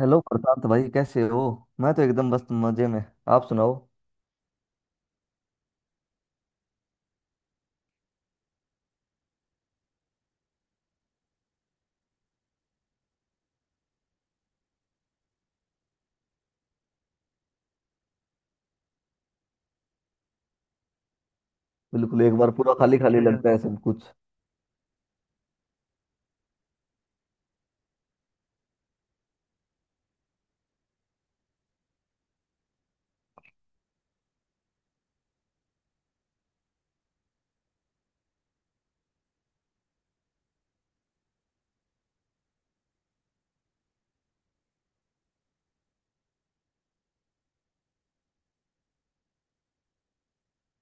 Hello Prashant भाई, कैसे हो। मैं तो एकदम बस मजे में। आप सुनाओ। बिल्कुल, एक बार पूरा खाली खाली लगता है सब कुछ।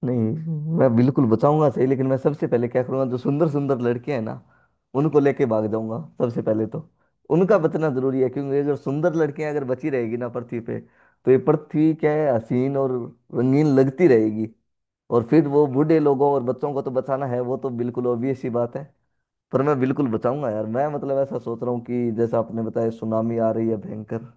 नहीं, मैं बिल्कुल बचाऊंगा सही, लेकिन मैं सबसे पहले क्या करूंगा, जो सुंदर सुंदर लड़के हैं ना, उनको लेके भाग जाऊंगा सबसे पहले। तो उनका बचना जरूरी है, क्योंकि अगर सुंदर लड़कियां अगर बची रहेगी ना पृथ्वी पे, तो ये पृथ्वी क्या है, हसीन और रंगीन लगती रहेगी। और फिर वो बूढ़े लोगों और बच्चों को तो बचाना है, वो तो बिल्कुल ऑब्वियस सी बात है। पर मैं बिल्कुल बचाऊंगा यार, मैं मतलब ऐसा सोच रहा हूँ कि जैसा आपने बताया, सुनामी आ रही है भयंकर।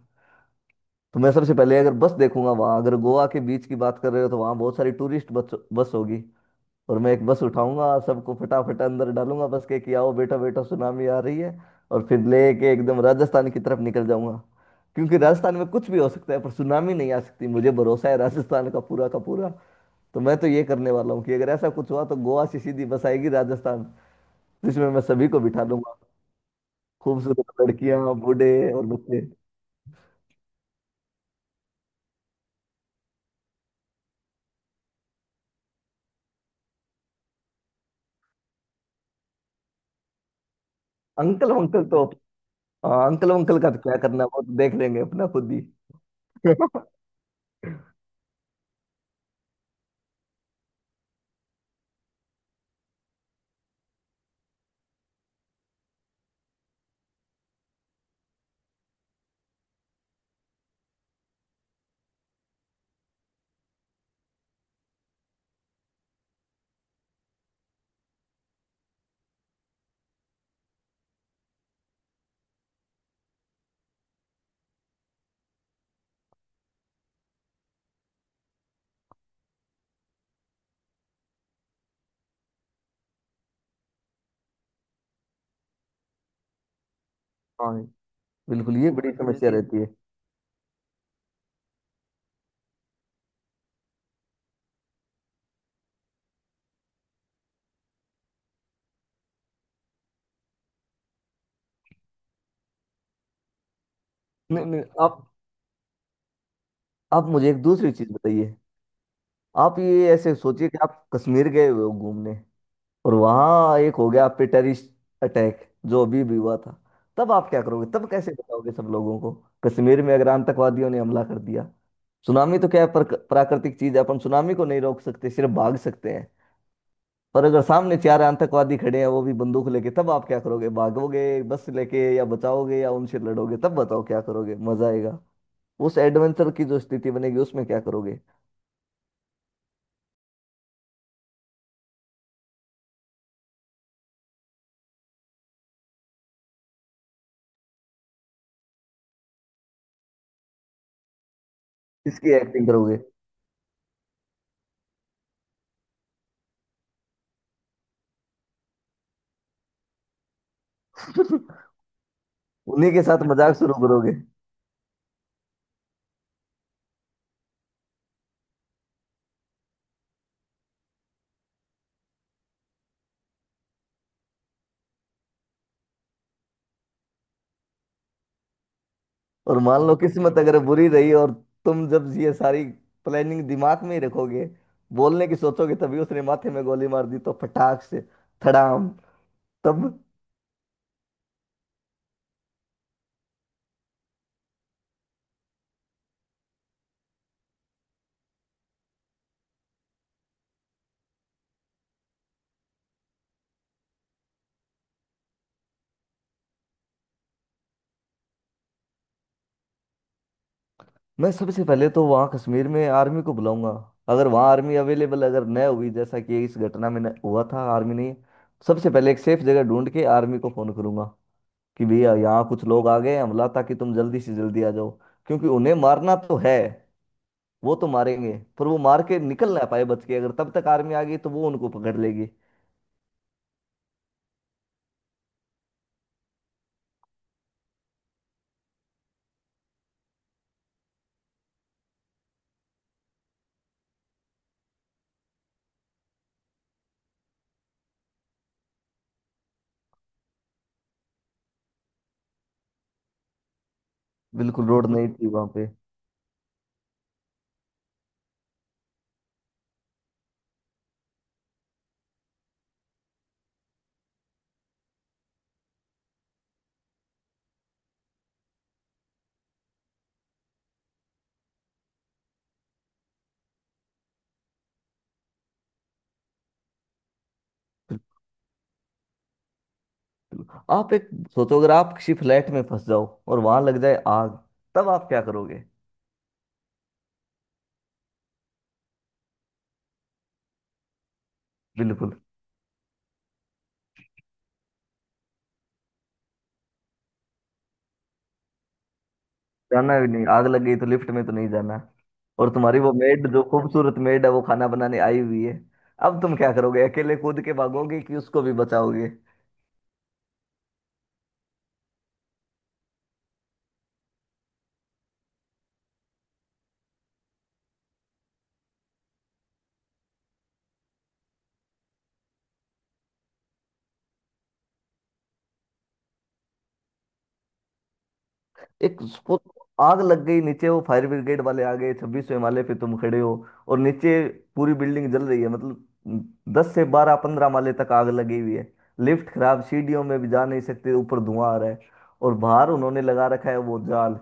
तो मैं सबसे पहले अगर बस देखूंगा वहां, अगर गोवा के बीच की बात कर रहे हो तो वहां बहुत सारी टूरिस्ट बस बस होगी। और मैं एक बस उठाऊंगा, सबको फटाफट अंदर डालूंगा बस के कि आओ बेटा बेटा, सुनामी आ रही है। और फिर लेके एकदम राजस्थान की तरफ निकल जाऊंगा। क्योंकि राजस्थान में कुछ भी हो सकता है, पर सुनामी नहीं आ सकती, मुझे भरोसा है राजस्थान का पूरा का पूरा। तो मैं तो ये करने वाला हूँ कि अगर ऐसा कुछ हुआ तो गोवा से सीधी बस आएगी राजस्थान, जिसमें मैं सभी को बिठा दूंगा। खूबसूरत लड़कियां, बूढ़े और बच्चे। अंकल वंकल तो हाँ, अंकल वंकल का तो क्या करना है, वो तो देख लेंगे अपना खुद ही। हाँ, बिल्कुल ये बड़ी समस्या वैसे रहती है। नहीं नहीं, आप मुझे एक दूसरी चीज बताइए। आप ये ऐसे सोचिए कि आप कश्मीर गए हुए हो घूमने, और वहां एक हो गया आप पे टेररिस्ट अटैक, जो अभी भी हुआ था। तब आप क्या करोगे, तब कैसे बताओगे सब लोगों को। कश्मीर में अगर आतंकवादियों ने हमला कर दिया। सुनामी तो क्या है, पर प्राकृतिक चीज है, अपन सुनामी को नहीं रोक सकते, सिर्फ भाग सकते हैं। पर अगर सामने चार आतंकवादी खड़े हैं वो भी बंदूक लेके, तब आप क्या करोगे? भागोगे बस लेके, या बचाओगे, या उनसे लड़ोगे? तब बताओ क्या करोगे। मजा आएगा उस एडवेंचर की, जो स्थिति बनेगी उसमें क्या करोगे। किसकी एक्टिंग करोगे? उन्हीं के साथ मजाक शुरू करोगे? और मान लो किस्मत अगर बुरी रही, और तुम जब ये सारी प्लानिंग दिमाग में ही रखोगे, बोलने की सोचोगे, तभी उसने माथे में गोली मार दी तो फटाक से, थड़ाम। तब मैं सबसे पहले तो वहाँ कश्मीर में आर्मी को बुलाऊंगा। अगर वहाँ आर्मी अवेलेबल अगर न हुई, जैसा कि इस घटना में न हुआ था आर्मी नहीं, सबसे पहले एक सेफ जगह ढूंढ के आर्मी को फोन करूंगा। कि भैया यहाँ कुछ लोग आ गए हैं हमला, ताकि तुम जल्दी से जल्दी आ जाओ। क्योंकि उन्हें मारना तो है, वो तो मारेंगे, पर वो मार के निकल ना पाए बच के, अगर तब तक आर्मी आ गई तो वो उनको पकड़ लेगी। बिल्कुल रोड नहीं थी वहां पे। आप एक सोचो, अगर आप किसी फ्लैट में फंस जाओ और वहां लग जाए आग, तब आप क्या करोगे? बिल्कुल। जाना भी नहीं, आग लग गई तो लिफ्ट में तो नहीं जाना। और तुम्हारी वो मेड, जो खूबसूरत मेड है, वो खाना बनाने आई हुई है, अब तुम क्या करोगे? अकेले कूद के भागोगे कि उसको भी बचाओगे? एक उसको आग लग गई नीचे, वो फायर ब्रिगेड वाले आ गए, छब्बीसवें माले पे तुम खड़े हो। और नीचे पूरी बिल्डिंग जल रही है, मतलब दस से बारह पंद्रह माले तक आग लगी हुई है। लिफ्ट खराब, सीढ़ियों में भी जा नहीं सकते, ऊपर धुआं आ रहा है, और बाहर उन्होंने लगा रखा है वो जाल।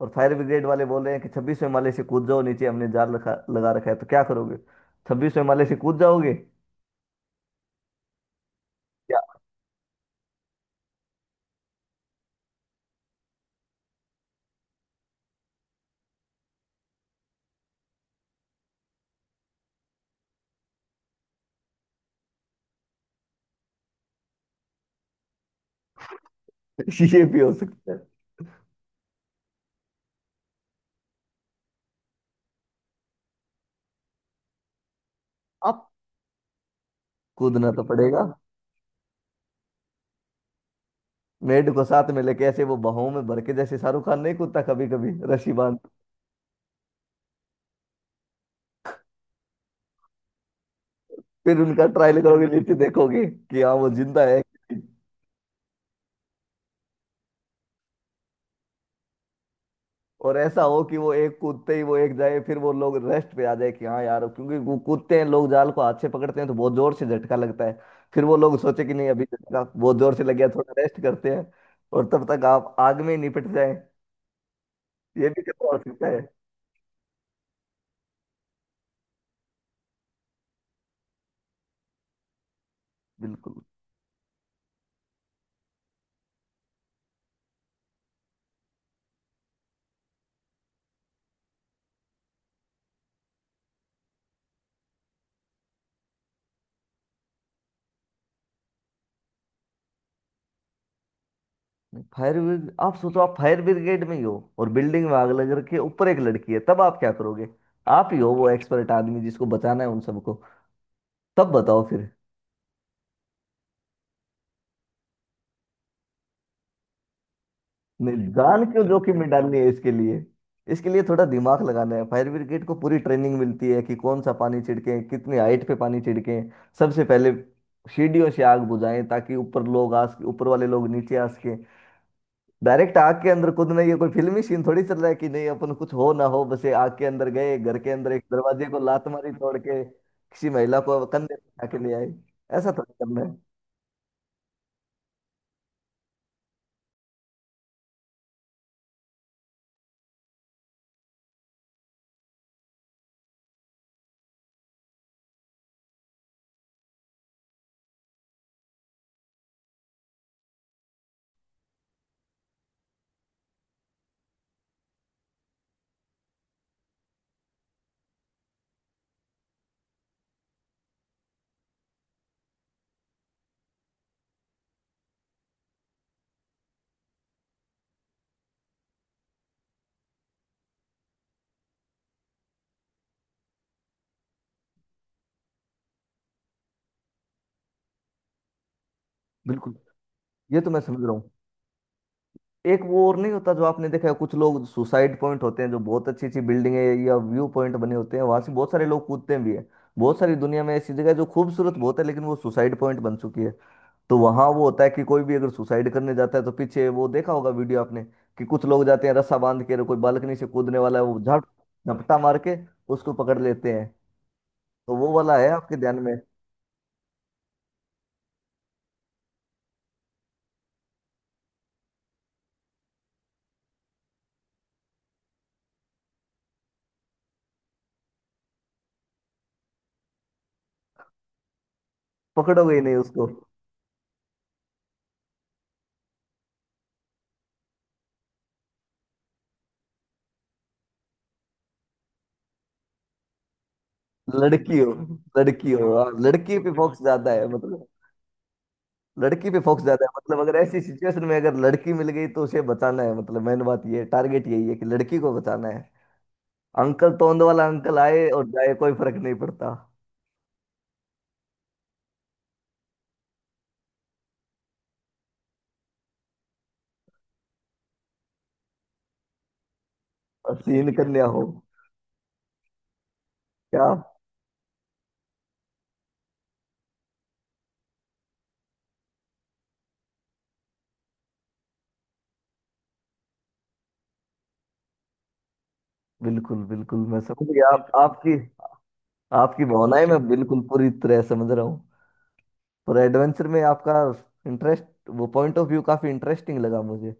और फायर ब्रिगेड वाले बोल रहे हैं कि छब्बीस माले से कूद जाओ, नीचे हमने जाल रखा, लगा रखा है, तो क्या करोगे? छब्बीस माले से कूद जाओगे क्या? ये भी हो सकता है। अब कूदना तो पड़ेगा, मेड को साथ में लेके ऐसे वो बाहों में भर के, जैसे शाहरुख खान नहीं कूदता कभी कभी रस्सी बांध। फिर उनका ट्रायल करोगे, नीचे देखोगे कि हाँ, वो जिंदा है कि। और ऐसा हो कि वो एक कूदते ही, वो एक जाए, फिर वो लोग रेस्ट पे आ जाए कि हाँ यार, क्योंकि वो कूदते हैं लोग, जाल को हाथ से पकड़ते हैं तो बहुत जोर से झटका लगता है। फिर वो लोग सोचे कि नहीं, अभी तो झटका बहुत जोर से लग गया, थोड़ा रेस्ट करते हैं, और तब तक आप आग में ही निपट जाए। ये भी खतरा हो सकता है। बिल्कुल। फायर ब्रिगेड, आप सोचो, आप फायर ब्रिगेड में ही हो और बिल्डिंग में आग लग रखी है, ऊपर एक लड़की है, तब आप क्या करोगे? आप ही हो वो एक्सपर्ट आदमी, जिसको बचाना है उन सबको, तब बताओ फिर। नहीं, जान क्यों जोखिम में डालनी है इसके लिए। इसके लिए थोड़ा दिमाग लगाना है, फायर ब्रिगेड को पूरी ट्रेनिंग मिलती है कि कौन सा पानी छिड़के, कितनी हाइट पे पानी छिड़के। सबसे पहले सीढ़ियों से आग बुझाएं, ताकि ऊपर लोग आ सके, ऊपर वाले लोग नीचे आ सके। डायरेक्ट आग के अंदर कूदना, ये कोई फिल्मी सीन थोड़ी चल रहा है कि नहीं, अपन कुछ हो ना हो बस ये आग के अंदर गए, घर के अंदर एक दरवाजे को लात मारी, तोड़ के किसी महिला को कंधे पे उठा के ले आए, ऐसा थोड़ी करना है। बिल्कुल, ये तो मैं समझ रहा हूँ। एक वो और नहीं होता जो आपने देखा है, कुछ लोग सुसाइड पॉइंट होते हैं, जो बहुत अच्छी अच्छी बिल्डिंग है या व्यू पॉइंट बने होते हैं, वहां से बहुत सारे लोग कूदते भी हैं। बहुत सारी दुनिया में ऐसी जगह है जो खूबसूरत बहुत है, लेकिन वो सुसाइड पॉइंट बन चुकी है। तो वहां वो होता है कि कोई भी अगर सुसाइड करने जाता है तो पीछे, वो देखा होगा वीडियो आपने, कि कुछ लोग जाते हैं रस्सा बांध के, कोई बालकनी से कूदने वाला है, वो झप झपटा मार के उसको पकड़ लेते हैं। तो वो वाला है आपके ध्यान में? पकड़ोगे ही नहीं उसको? लड़की हो, लड़की हो हाँ, लड़की पे फोकस ज्यादा है मतलब। लड़की पे फोकस ज्यादा है मतलब, अगर ऐसी सिचुएशन में अगर लड़की मिल गई तो उसे बचाना है, मतलब मेन बात ये टारगेट यही है कि लड़की को बचाना है। अंकल, तोंद वाला अंकल आए और जाए, कोई फर्क नहीं पड़ता। और सीन कन्या हो। क्या? बिल्कुल बिल्कुल, मैं समझ गया। आप आपकी आपकी भावनाएं मैं बिल्कुल पूरी तरह समझ रहा हूँ। पर एडवेंचर में आपका इंटरेस्ट, वो पॉइंट ऑफ व्यू काफी इंटरेस्टिंग लगा मुझे।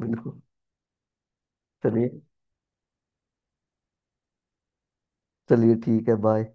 बिल्कुल। चलिए, चलिए ठीक है। बाय।